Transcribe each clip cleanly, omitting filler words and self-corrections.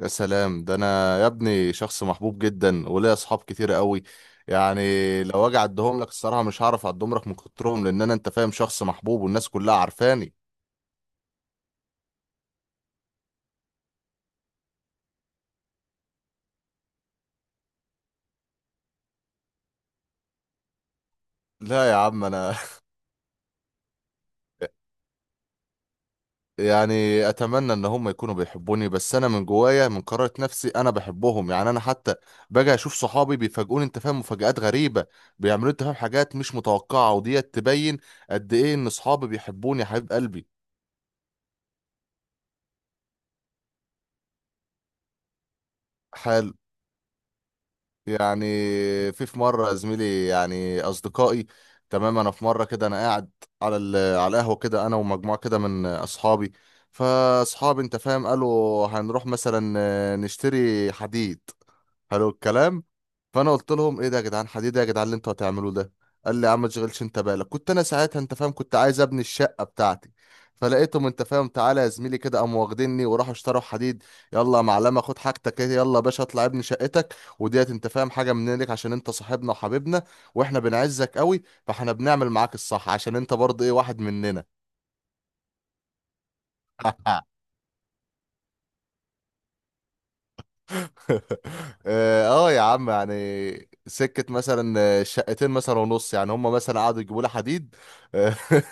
يا سلام، ده انا يا ابني شخص محبوب جدا وليا اصحاب كتير قوي. يعني لو اجي اعدهم لك الصراحه مش هعرف اعدهم لك من كترهم، لان انا انت فاهم شخص محبوب والناس كلها عارفاني. لا يا عم انا يعني اتمنى ان هم يكونوا بيحبوني، بس انا من جوايا من قرارة نفسي انا بحبهم، يعني انا حتى باجي اشوف صحابي بيفاجئوني انت فاهم مفاجآت غريبة، بيعملوا انت فاهم حاجات مش متوقعة وديت تبين قد ايه ان صحابي بيحبوني يا حبيب قلبي. حلو، يعني في مرة يا زميلي يعني أصدقائي، تمام. أنا في مرة كده أنا قاعد على القهوة كده أنا ومجموعة كده من أصحابي، فأصحابي أنت فاهم قالوا هنروح مثلا نشتري حديد. حلو الكلام، فانا قلت لهم ايه ده يا جدعان، حديد إيه يا جدعان اللي انتوا هتعملوه ده؟ قال لي يا عم ما تشغلش انت بالك، كنت انا ساعتها انت فاهم كنت عايز ابني الشقه بتاعتي، فلقيتهم انت فاهم تعالى يا زميلي كده قاموا واخديني وراحوا اشتروا حديد. يلا يا معلمه خد حاجتك ايه، يلا يا باشا اطلع ابني شقتك وديت انت فاهم حاجه منك عشان انت صاحبنا وحبيبنا واحنا بنعزك قوي، فاحنا بنعمل معاك الصح عشان انت برضه ايه واحد مننا. اه آه يا عم، يعني سكة مثلا، شقتين مثلا ونص، يعني هم مثلا قعدوا يجيبوا لي حديد. آه،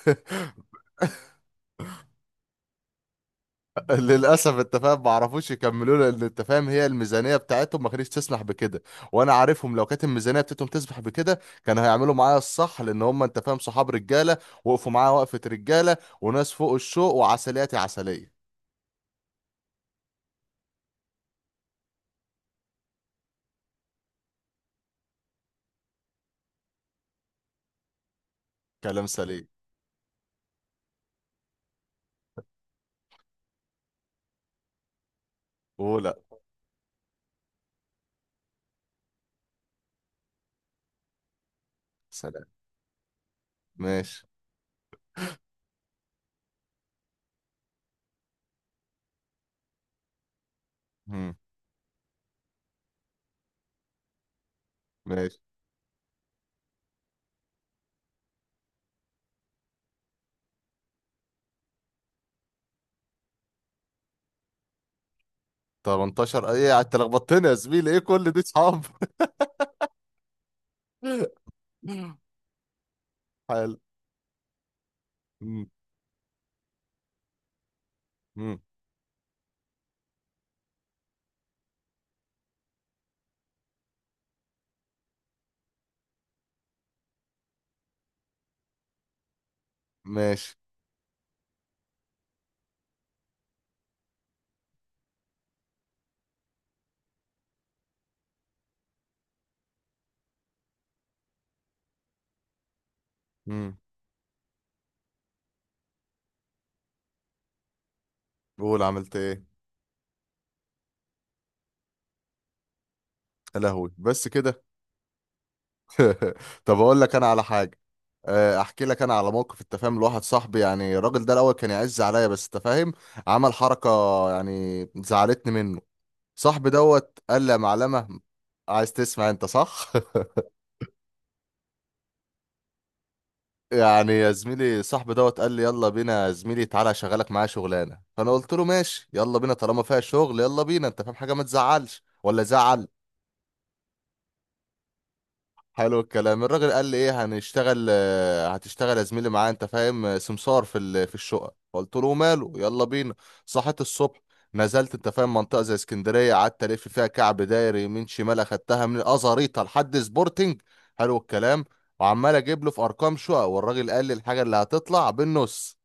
للأسف انت فاهم ما عرفوش يكملوا لي، لأن انت فاهم هي الميزانية بتاعتهم ما كانتش تسمح بكده، وأنا عارفهم لو كانت الميزانية بتاعتهم تسمح بكده كانوا هيعملوا معايا الصح، لأن هم انت فاهم صحاب رجالة، وقفوا معايا وقفة رجالة وناس فوق الشوق وعسلياتي عسلية. كلام سليم. ولا. سلام. ماشي. مم. ماشي. 18 ايه؟ انت لخبطتني يا زميلي، ايه كل دي صحاب؟ حلو. مم. مم. ماشي. مم. قول عملت ايه. يا لهوي، بس كده؟ طب اقول لك انا على حاجه. احكي لك انا على موقف التفاهم لواحد صاحبي، يعني الراجل ده الاول كان يعز عليا بس تفاهم عمل حركه، يعني زعلتني منه. صاحبي دوت قال لي يا معلمه، عايز تسمع انت صح؟ يعني يا زميلي صاحبي دوت قال لي يلا بينا يا زميلي تعالى اشغلك معايا شغلانه، فانا قلت له ماشي يلا بينا طالما فيها شغل، يلا بينا انت فاهم حاجه ما تزعلش ولا زعل. حلو الكلام، الراجل قال لي ايه هنشتغل؟ هتشتغل يا زميلي معايا انت فاهم سمسار في الشقه، قلت له ماله يلا بينا. صحيت الصبح، نزلت انت فاهم منطقه زي اسكندريه، قعدت الف فيها كعب دايري يمين شمال، اخدتها من الازاريطه لحد سبورتنج. حلو الكلام، وعمال اجيب له في ارقام شقق، والراجل قال لي الحاجه اللي هتطلع بالنص.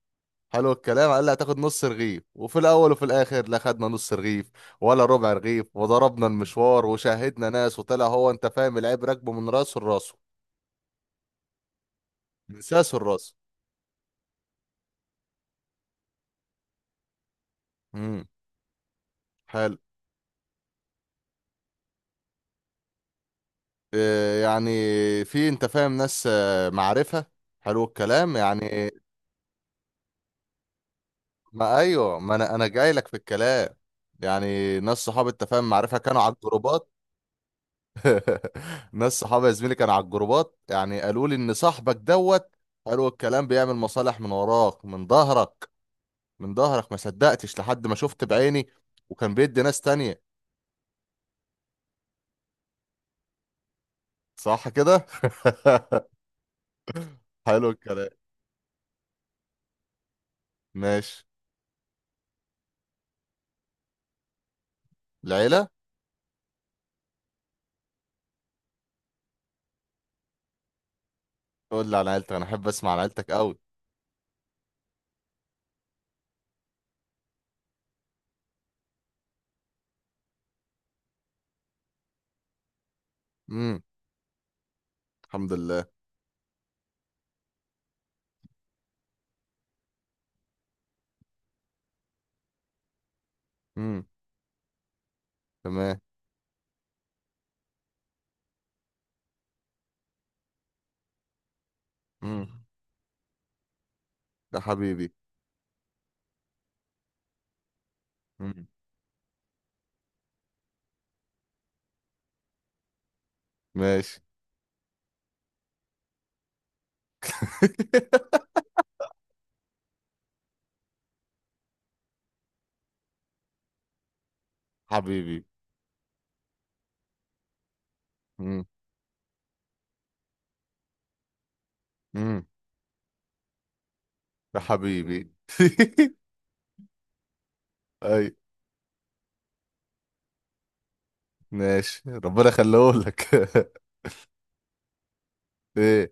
حلو الكلام، قال لي هتاخد نص رغيف، وفي الاول وفي الاخر لا خدنا نص رغيف ولا ربع رغيف وضربنا المشوار وشاهدنا ناس، وطلع هو انت فاهم العيب راكبه من راسه لراسه، من ساسه لراسه. امم. حلو. آه يعني في انت فاهم ناس معرفة. حلو الكلام، يعني ما ايوه، ما انا انا جاي لك في الكلام، يعني ناس صحاب انت فاهم معرفة كانوا على الجروبات. ناس صحابي يا زميلي كانوا على الجروبات، يعني قالوا لي ان صاحبك دوت قالوا الكلام بيعمل مصالح من وراك، من ظهرك، من ظهرك، ما صدقتش لحد ما شفت بعيني، وكان بيدي ناس تانية. صح كده. حلو الكلام. ماشي. العيلة. قول لي عن عيلتك، انا احب اسمع عن عيلتك قوي. امم. الحمد لله. امم. تمام. امم. ده حبيبي. امم. ماشي. حبيبي. امم. امم. ده حبيبي. اي. ماشي ربنا يخليهولك. ايه.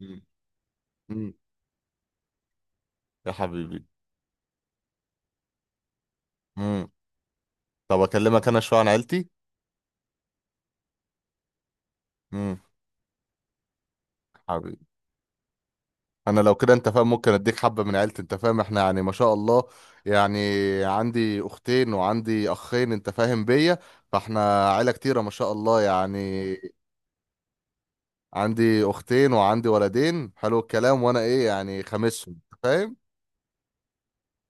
مم. مم. يا حبيبي. مم. طب اكلمك انا شويه عن عيلتي. مم. حبيبي، انا لو كده انت فاهم ممكن اديك حبه من عيلتي، انت فاهم احنا يعني ما شاء الله، يعني عندي اختين وعندي اخين انت فاهم بيا، فاحنا عيله كتيره ما شاء الله، يعني عندي اختين وعندي ولدين حلو الكلام، وانا ايه يعني خامسهم انت فاهم،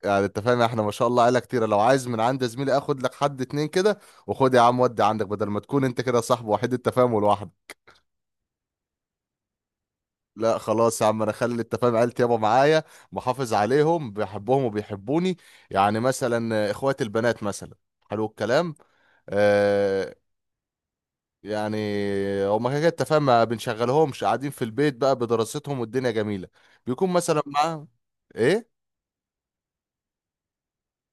يعني انت فاهم احنا ما شاء الله عيله كتيره، لو عايز من عند زميلي اخد لك حد اتنين كده وخد يا عم ودي عندك، بدل ما تكون انت كده صاحب وحيد التفاهم لوحدك. لا خلاص يا عم، انا اخلي التفاهم عيلتي يابا معايا، محافظ عليهم بحبهم وبيحبوني. يعني مثلا اخوات البنات مثلا، حلو الكلام، آه يعني هما كده كده التفاهم ما بنشغلهمش، قاعدين في البيت بقى بدراستهم والدنيا جميله، بيكون مثلا معاهم، ايه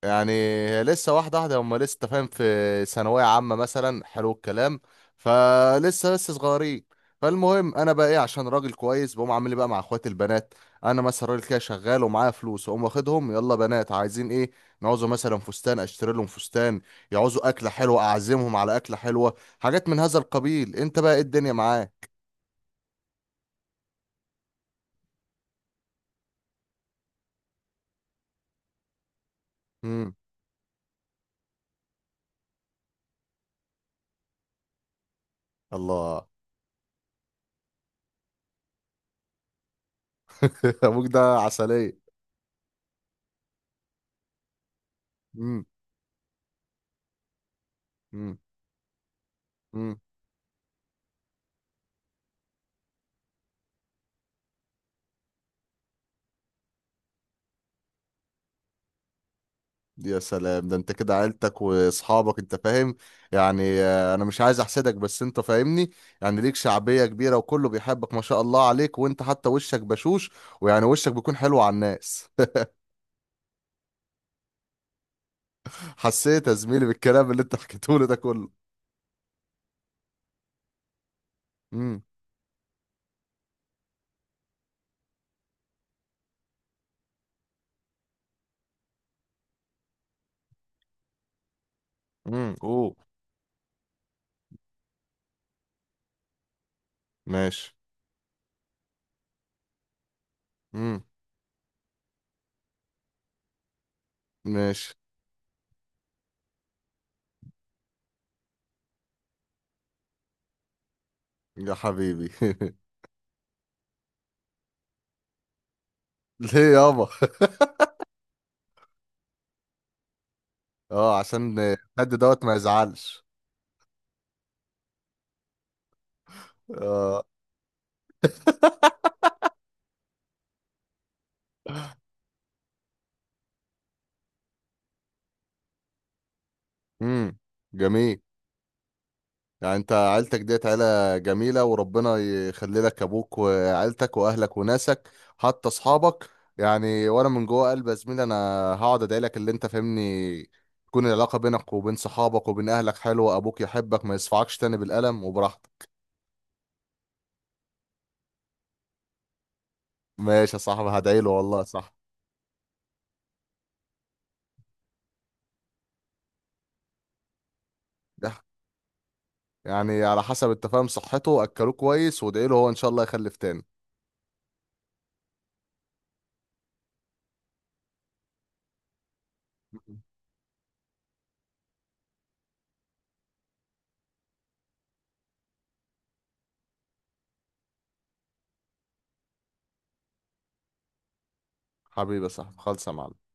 يعني هي لسه واحدة واحدة، هم لسه أنت فاهم في ثانوية عامة مثلا، حلو الكلام، فلسه صغيرين. فالمهم انا بقى ايه عشان راجل كويس بقوم عامل لي بقى مع اخواتي البنات، انا مثلا راجل كده شغال ومعايا فلوس، واقوم واخدهم يلا بنات عايزين ايه، نعوزوا مثلا فستان اشتري لهم فستان، يعوزوا اكله حلوه اعزمهم على اكله حلوه، حاجات من هذا القبيل انت بقى ايه الدنيا معاك. امم. الله. ابوك ده عسليه. امم. يا سلام ده انت كده عيلتك واصحابك انت فاهم، يعني انا مش عايز احسدك بس انت فاهمني، يعني ليك شعبية كبيرة وكله بيحبك ما شاء الله عليك، وانت حتى وشك بشوش ويعني وشك بيكون حلو على الناس. حسيت يا زميلي بالكلام اللي انت حكيته لي ده كله. امم. امم. اوه. ماشي. امم. ماشي. يا حبيبي. ليه يابا؟ اه عشان حد دوت ما يزعلش. اه. امم. جميل، يعني انت عيلتك ديت عيلة جميلة، وربنا يخلي لك ابوك وعيلتك واهلك وناسك حتى اصحابك، يعني وانا من جوه قلبي يا زميلي انا هقعد ادعي لك اللي انت فاهمني تكون العلاقة بينك وبين صحابك وبين اهلك حلوة، ابوك يحبك ما يصفعكش تاني بالقلم وبراحتك. ماشي يا صاحبي هدعي له والله صح. ده يعني على حسب التفاهم صحته، اكلوه كويس وادعي له هو ان شاء الله يخلف تاني. حبيبي يا صاحبي خالص يا معلم.